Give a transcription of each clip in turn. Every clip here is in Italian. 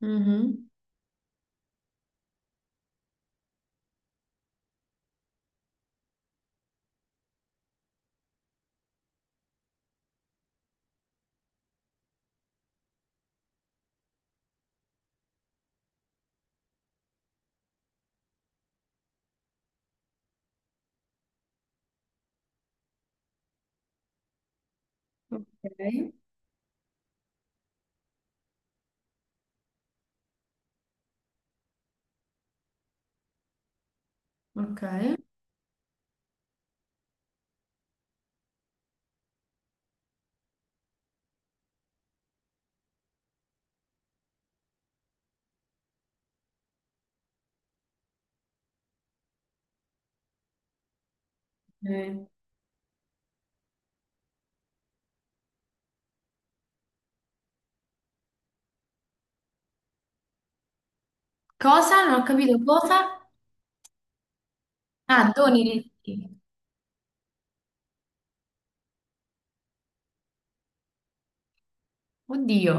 Mhm. Ok. Ok. Eh, Cosa? Non ho capito cosa? Ah, doni ricchi. Oddio.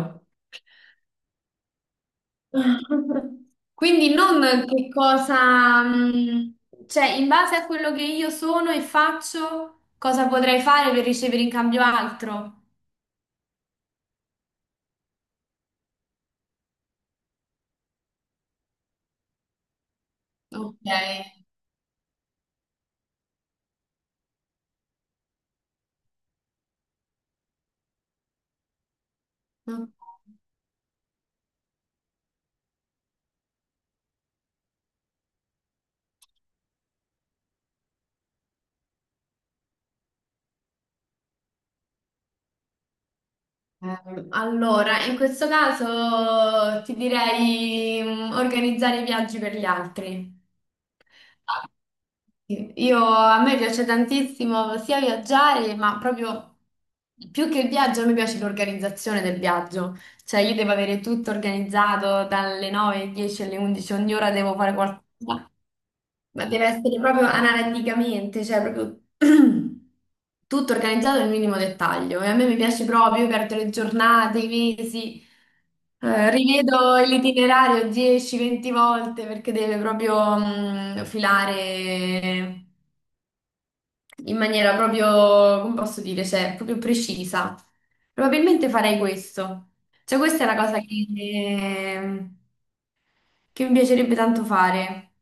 Quindi non che cosa, cioè in base a quello che io sono e faccio, cosa potrei fare per ricevere in cambio altro? Ok. Ok. Allora, in questo caso ti direi organizzare i viaggi per gli altri. Io, a me piace tantissimo sia viaggiare, ma proprio più che il viaggio, a me piace l'organizzazione del viaggio. Cioè, io devo avere tutto organizzato dalle 9 alle 10 alle 11, ogni ora devo fare qualcosa. Ma deve essere proprio analiticamente, cioè proprio tutto organizzato nel minimo dettaglio. E a me mi piace proprio, io perdo le giornate, i mesi, rivedo l'itinerario 10-20 volte perché deve proprio filare in maniera proprio, come posso dire, cioè proprio precisa. Probabilmente farei questo. Cioè questa è una cosa che mi piacerebbe tanto fare.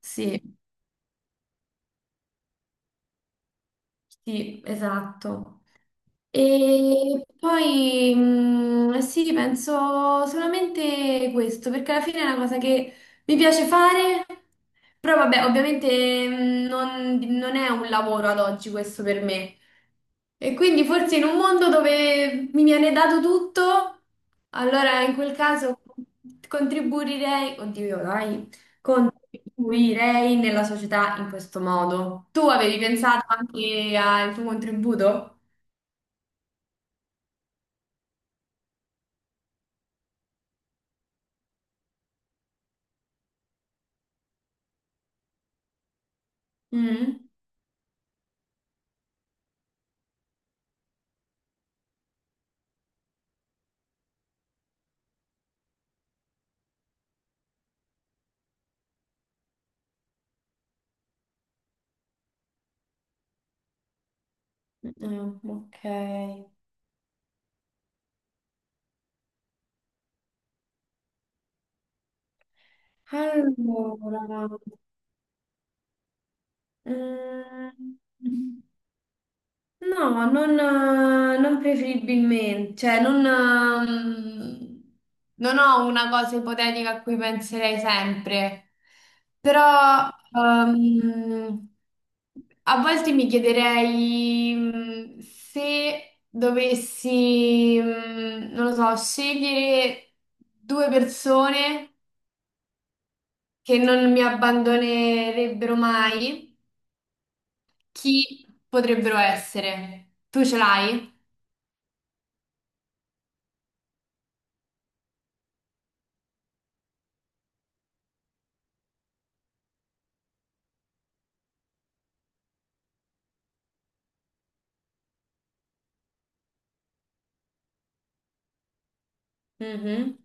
Sì. Sì, esatto. E poi sì, penso solamente questo, perché alla fine è una cosa che mi piace fare, però vabbè, ovviamente non è un lavoro ad oggi questo per me, e quindi forse in un mondo dove mi viene dato tutto, allora in quel caso contribuirei, oddio, dai, contribuirei nella società in questo modo. Tu avevi pensato anche al tuo contributo? Mm? Mm, ok. Allora, mm, no, non preferibilmente, cioè non ho una cosa ipotetica a cui penserei sempre, però ehm, a volte mi chiederei se dovessi, non lo so, scegliere due persone che non mi abbandonerebbero mai, chi potrebbero essere? Tu ce l'hai? Mhm.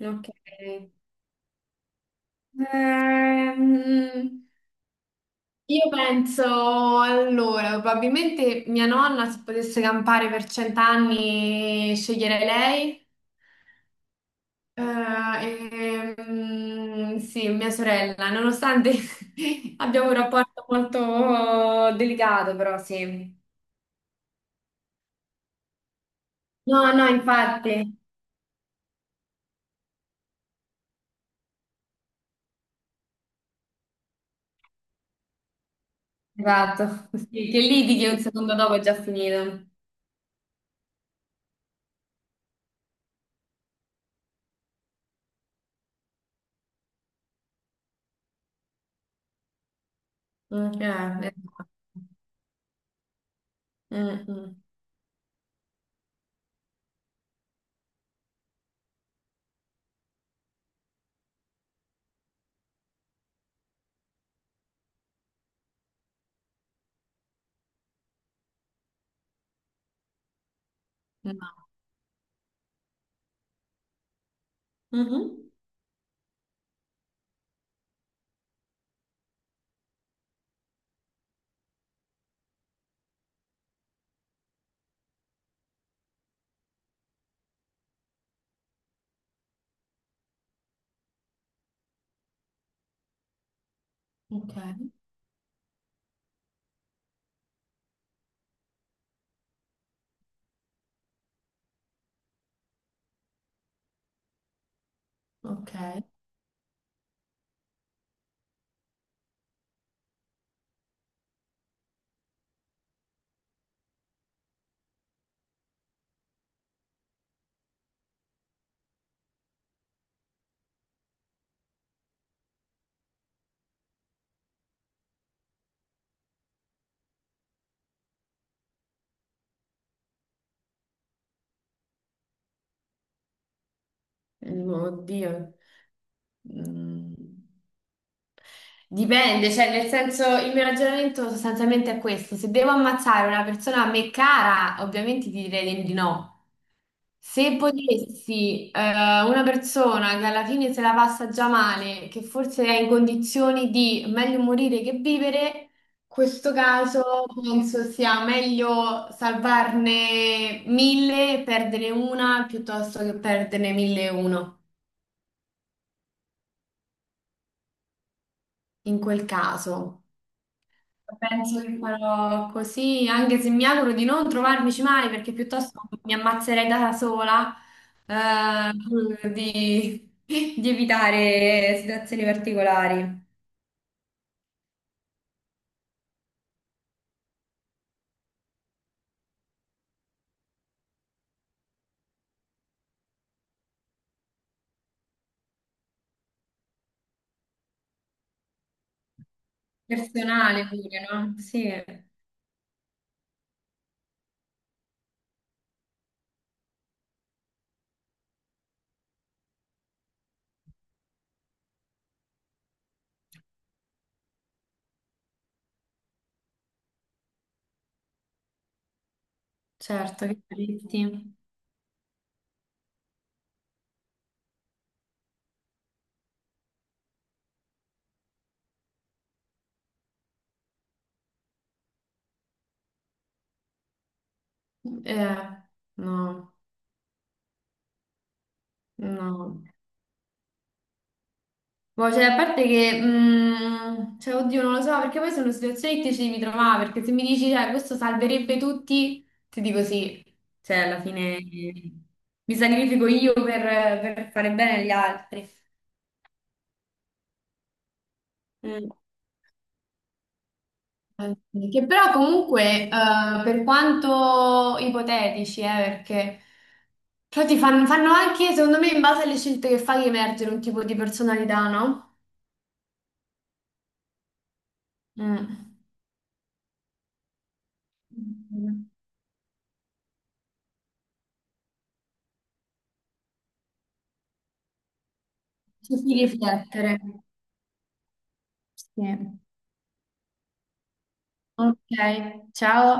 Ok. Ehm, io penso allora, probabilmente mia nonna se potesse campare per cent'anni sceglierei lei. Sì, mia sorella, nonostante abbiamo un rapporto molto delicato, però sì. No, no, infatti. Esatto, sì, che litighi un secondo dopo è già finito. Ok, esatto. Mm, mm, no. Mhm. Ok. Ok, oddio. Mm. Dipende, cioè nel senso il mio ragionamento sostanzialmente è questo. Se devo ammazzare una persona a me cara, ovviamente ti direi di no. Se potessi, una persona che alla fine se la passa già male, che forse è in condizioni di meglio morire che vivere, questo caso penso sia meglio salvarne mille e perdere una piuttosto che perderne mille e uno. In quel caso, penso che farò così, anche se mi auguro di non trovarmici male perché piuttosto mi ammazzerei da sola, eh, di evitare situazioni particolari. Personale pure, no? Sì, certo, che tristi. Eh, no, no. Boh, cioè, a parte che, cioè, oddio, non lo so, perché poi sono situazioni che ti ci devi trovare, perché se mi dici, cioè, questo salverebbe tutti, ti dico sì, cioè, alla fine mi sacrifico io per fare bene agli altri. Mm. Sì, che però comunque, per quanto ipotetici, perché però ti fanno, anche, secondo me, in base alle scelte che fai, emergere un tipo di personalità, no? Mm. Mm. Ci si riflettere. Sì. Ok, ciao.